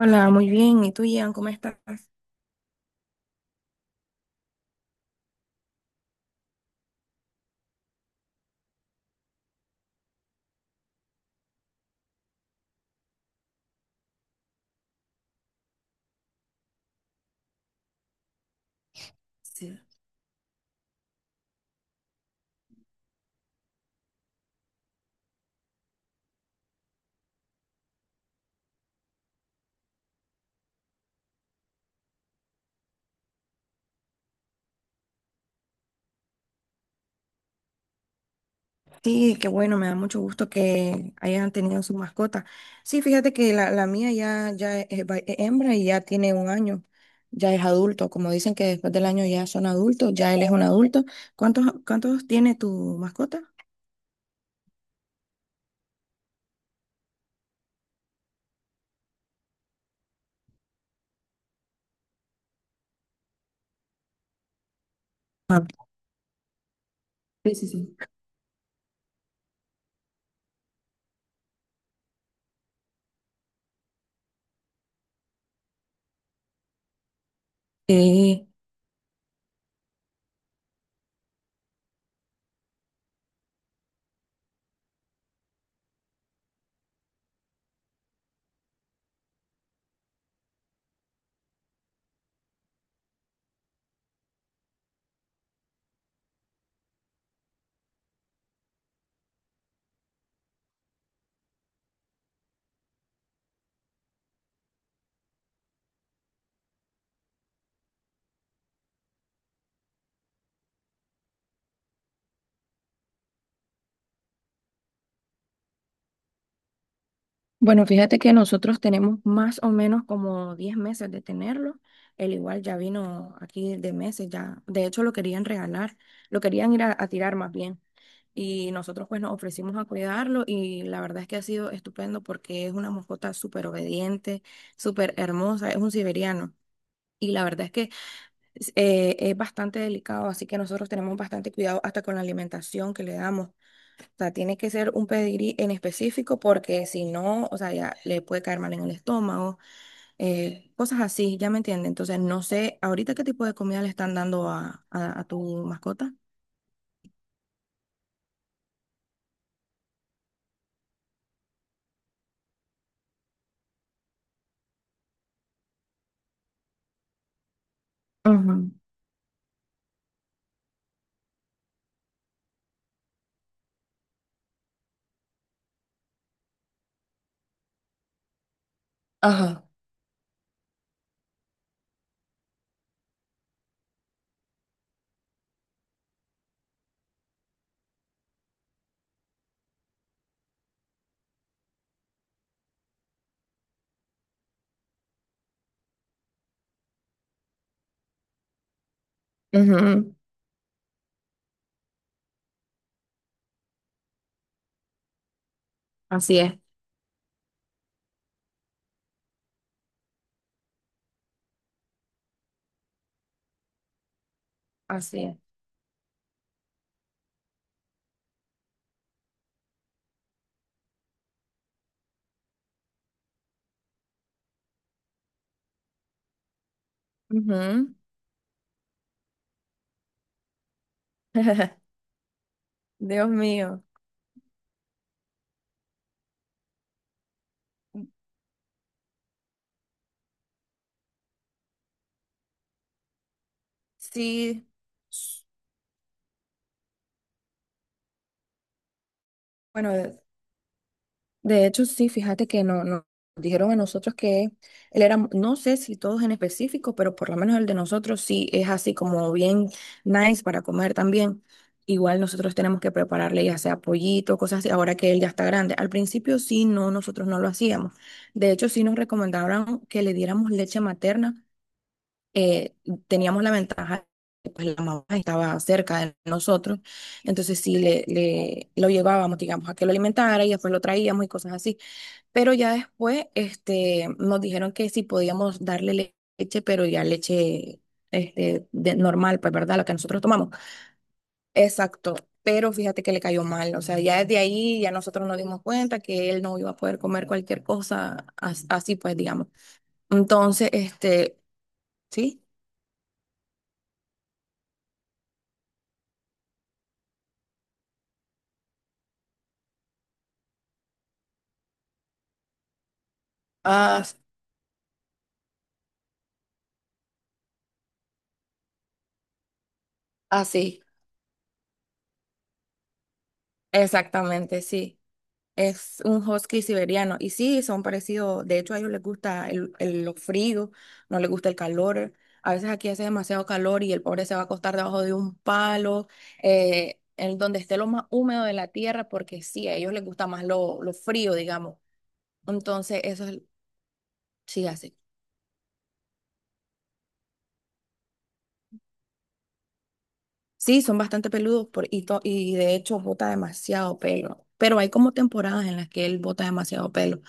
Hola, muy bien. ¿Y tú, Ian, cómo estás? Sí. Sí, qué bueno, me da mucho gusto que hayan tenido su mascota. Sí, fíjate que la mía ya es hembra y ya tiene un año, ya es adulto. Como dicen que después del año ya son adultos, ya él es un adulto. ¿Cuántos tiene tu mascota? Ah. Sí, sí, sí. Sí. Bueno, fíjate que nosotros tenemos más o menos como 10 meses de tenerlo. Él igual ya vino aquí de meses, ya. De hecho, lo querían regalar, lo querían ir a tirar más bien. Y nosotros pues nos ofrecimos a cuidarlo y la verdad es que ha sido estupendo porque es una mascota súper obediente, súper hermosa, es un siberiano. Y la verdad es que es bastante delicado, así que nosotros tenemos bastante cuidado hasta con la alimentación que le damos. O sea, tiene que ser un pedigrí en específico porque si no, o sea, ya le puede caer mal en el estómago, cosas así, ya me entiende. Entonces, no sé, ahorita qué tipo de comida le están dando a tu mascota. Ujú, ajá. Ujú, así es. Así es. Ujú. Dios mío. Sí. s- Bueno, de hecho, sí, fíjate que nos dijeron a nosotros que él era, no sé si todos en específico, pero por lo menos el de nosotros sí es así como bien nice para comer también. Igual nosotros tenemos que prepararle ya sea pollito, cosas así, ahora que él ya está grande. Al principio sí, no, nosotros no lo hacíamos. De hecho, sí nos recomendaron que le diéramos leche materna, eh, teníamos la ventaja que pues, la mamá estaba cerca de nosotros, entonces sí lo llevábamos, digamos, a que lo alimentara y después lo traíamos y cosas así. Pero ya después nos dijeron que sí podíamos darle leche, pero ya leche normal, pues, ¿verdad? La que nosotros tomamos. Exacto. Pero fíjate que le cayó mal, o sea, ya desde ahí ya nosotros nos dimos cuenta que él no iba a poder comer cualquier cosa así, pues, digamos. Entonces, sí, ah, así. Exactamente, sí. Es un husky siberiano. Y sí, son parecidos. De hecho, a ellos les gusta lo frío, no les gusta el calor. A veces aquí hace demasiado calor y el pobre se va a acostar debajo de un palo, en donde esté lo más húmedo de la tierra, porque sí, a ellos les gusta más lo frío, digamos. Entonces, sí hace. Sí, son bastante peludos y de hecho bota demasiado pelo. Pero hay como temporadas en las que él bota demasiado pelo.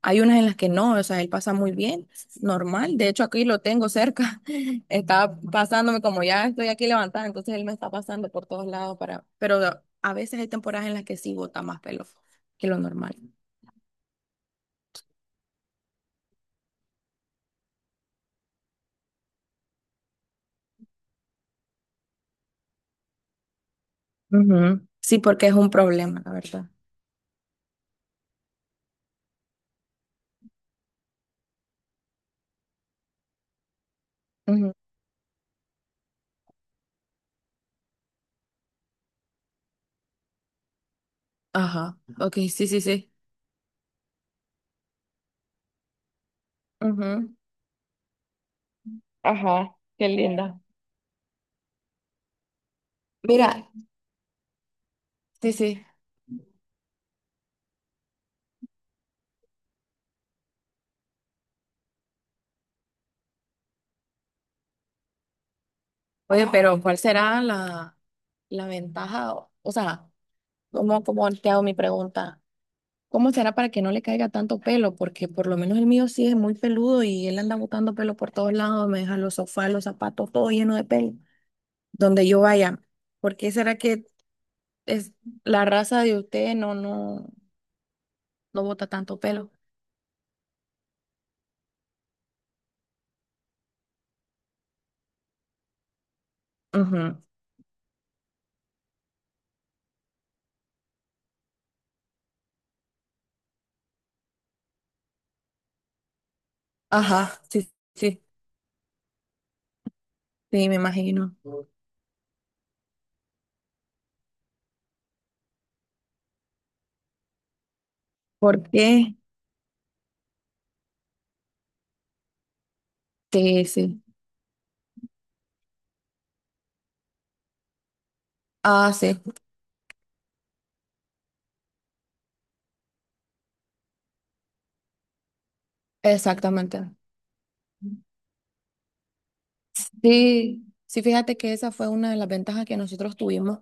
Hay unas en las que no, o sea, él pasa muy bien, normal. De hecho, aquí lo tengo cerca. Está pasándome como ya estoy aquí levantada, entonces él me está pasando por todos lados para... Pero a veces hay temporadas en las que sí bota más pelo que lo normal. Ujú. Sí, porque es un problema, la verdad. Ujú. Ajá. Ok, sí, sí, sí. Ujú. Ajá, qué linda. Mira, sí, sí. Oye, pero ¿cuál será la ventaja? O sea, ¿cómo te hago mi pregunta? ¿Cómo será para que no le caiga tanto pelo? Porque por lo menos el mío sí es muy peludo y él anda botando pelo por todos lados, me deja los sofás, los zapatos, todo lleno de pelo, donde yo vaya. ¿Por qué será que es la raza de usted no bota tanto pelo? Ujú. Ajá, sí, sí, sí, me imagino. ¿Por qué? Sí, sí. Ah, sí, exactamente. Sí, sí, fíjate que esa fue una de las ventajas que nosotros tuvimos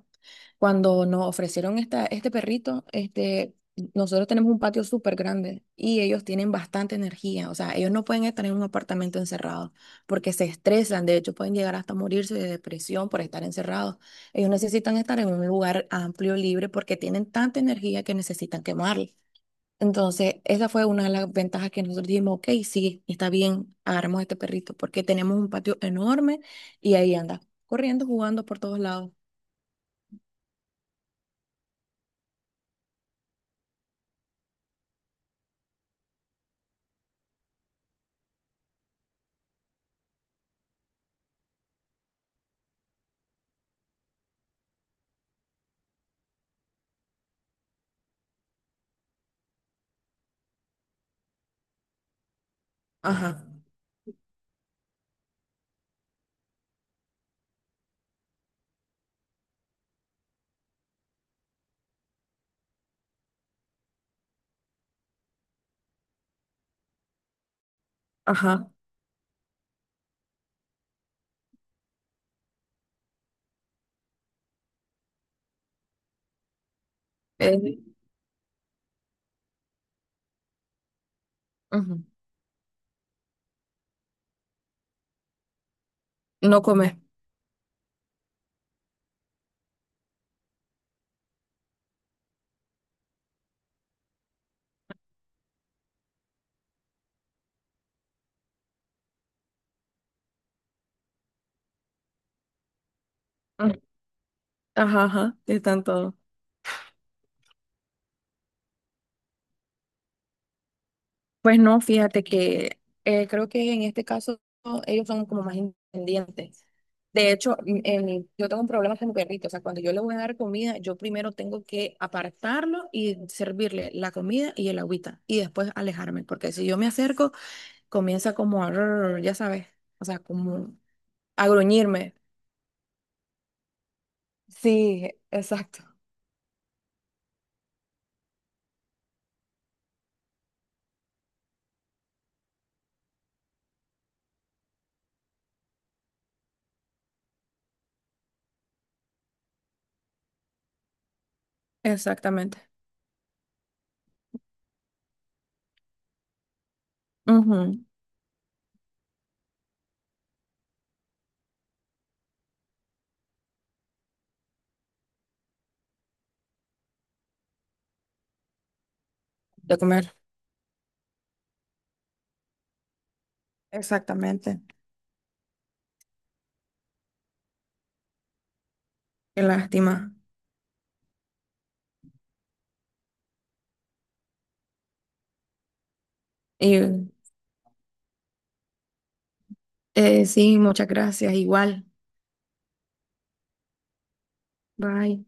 cuando nos ofrecieron este perrito. Nosotros tenemos un patio súper grande y ellos tienen bastante energía. O sea, ellos no pueden estar en un apartamento encerrado porque se estresan. De hecho, pueden llegar hasta morirse de depresión por estar encerrados. Ellos necesitan estar en un lugar amplio, libre, porque tienen tanta energía que necesitan quemarla. Entonces, esa fue una de las ventajas que nosotros dijimos, ok, sí, está bien, agarramos este perrito, porque tenemos un patio enorme y ahí anda, corriendo, jugando por todos lados. Ajá, ajá. eh, ujú. No come. Mm, ajá, ajá. Están todos. Pues no, fíjate que creo que en este caso ellos son como más independientes. De hecho, yo tengo un problema con mi perrito. O sea, cuando yo le voy a dar comida, yo primero tengo que apartarlo y servirle la comida y el agüita y después alejarme, porque si yo me acerco, comienza como a, rrr, ya sabes, o sea, como a gruñirme. Sí, exacto. Exactamente. Ujú, de comer. Exactamente. Qué lástima. Y sí, muchas gracias. Igual. Bye.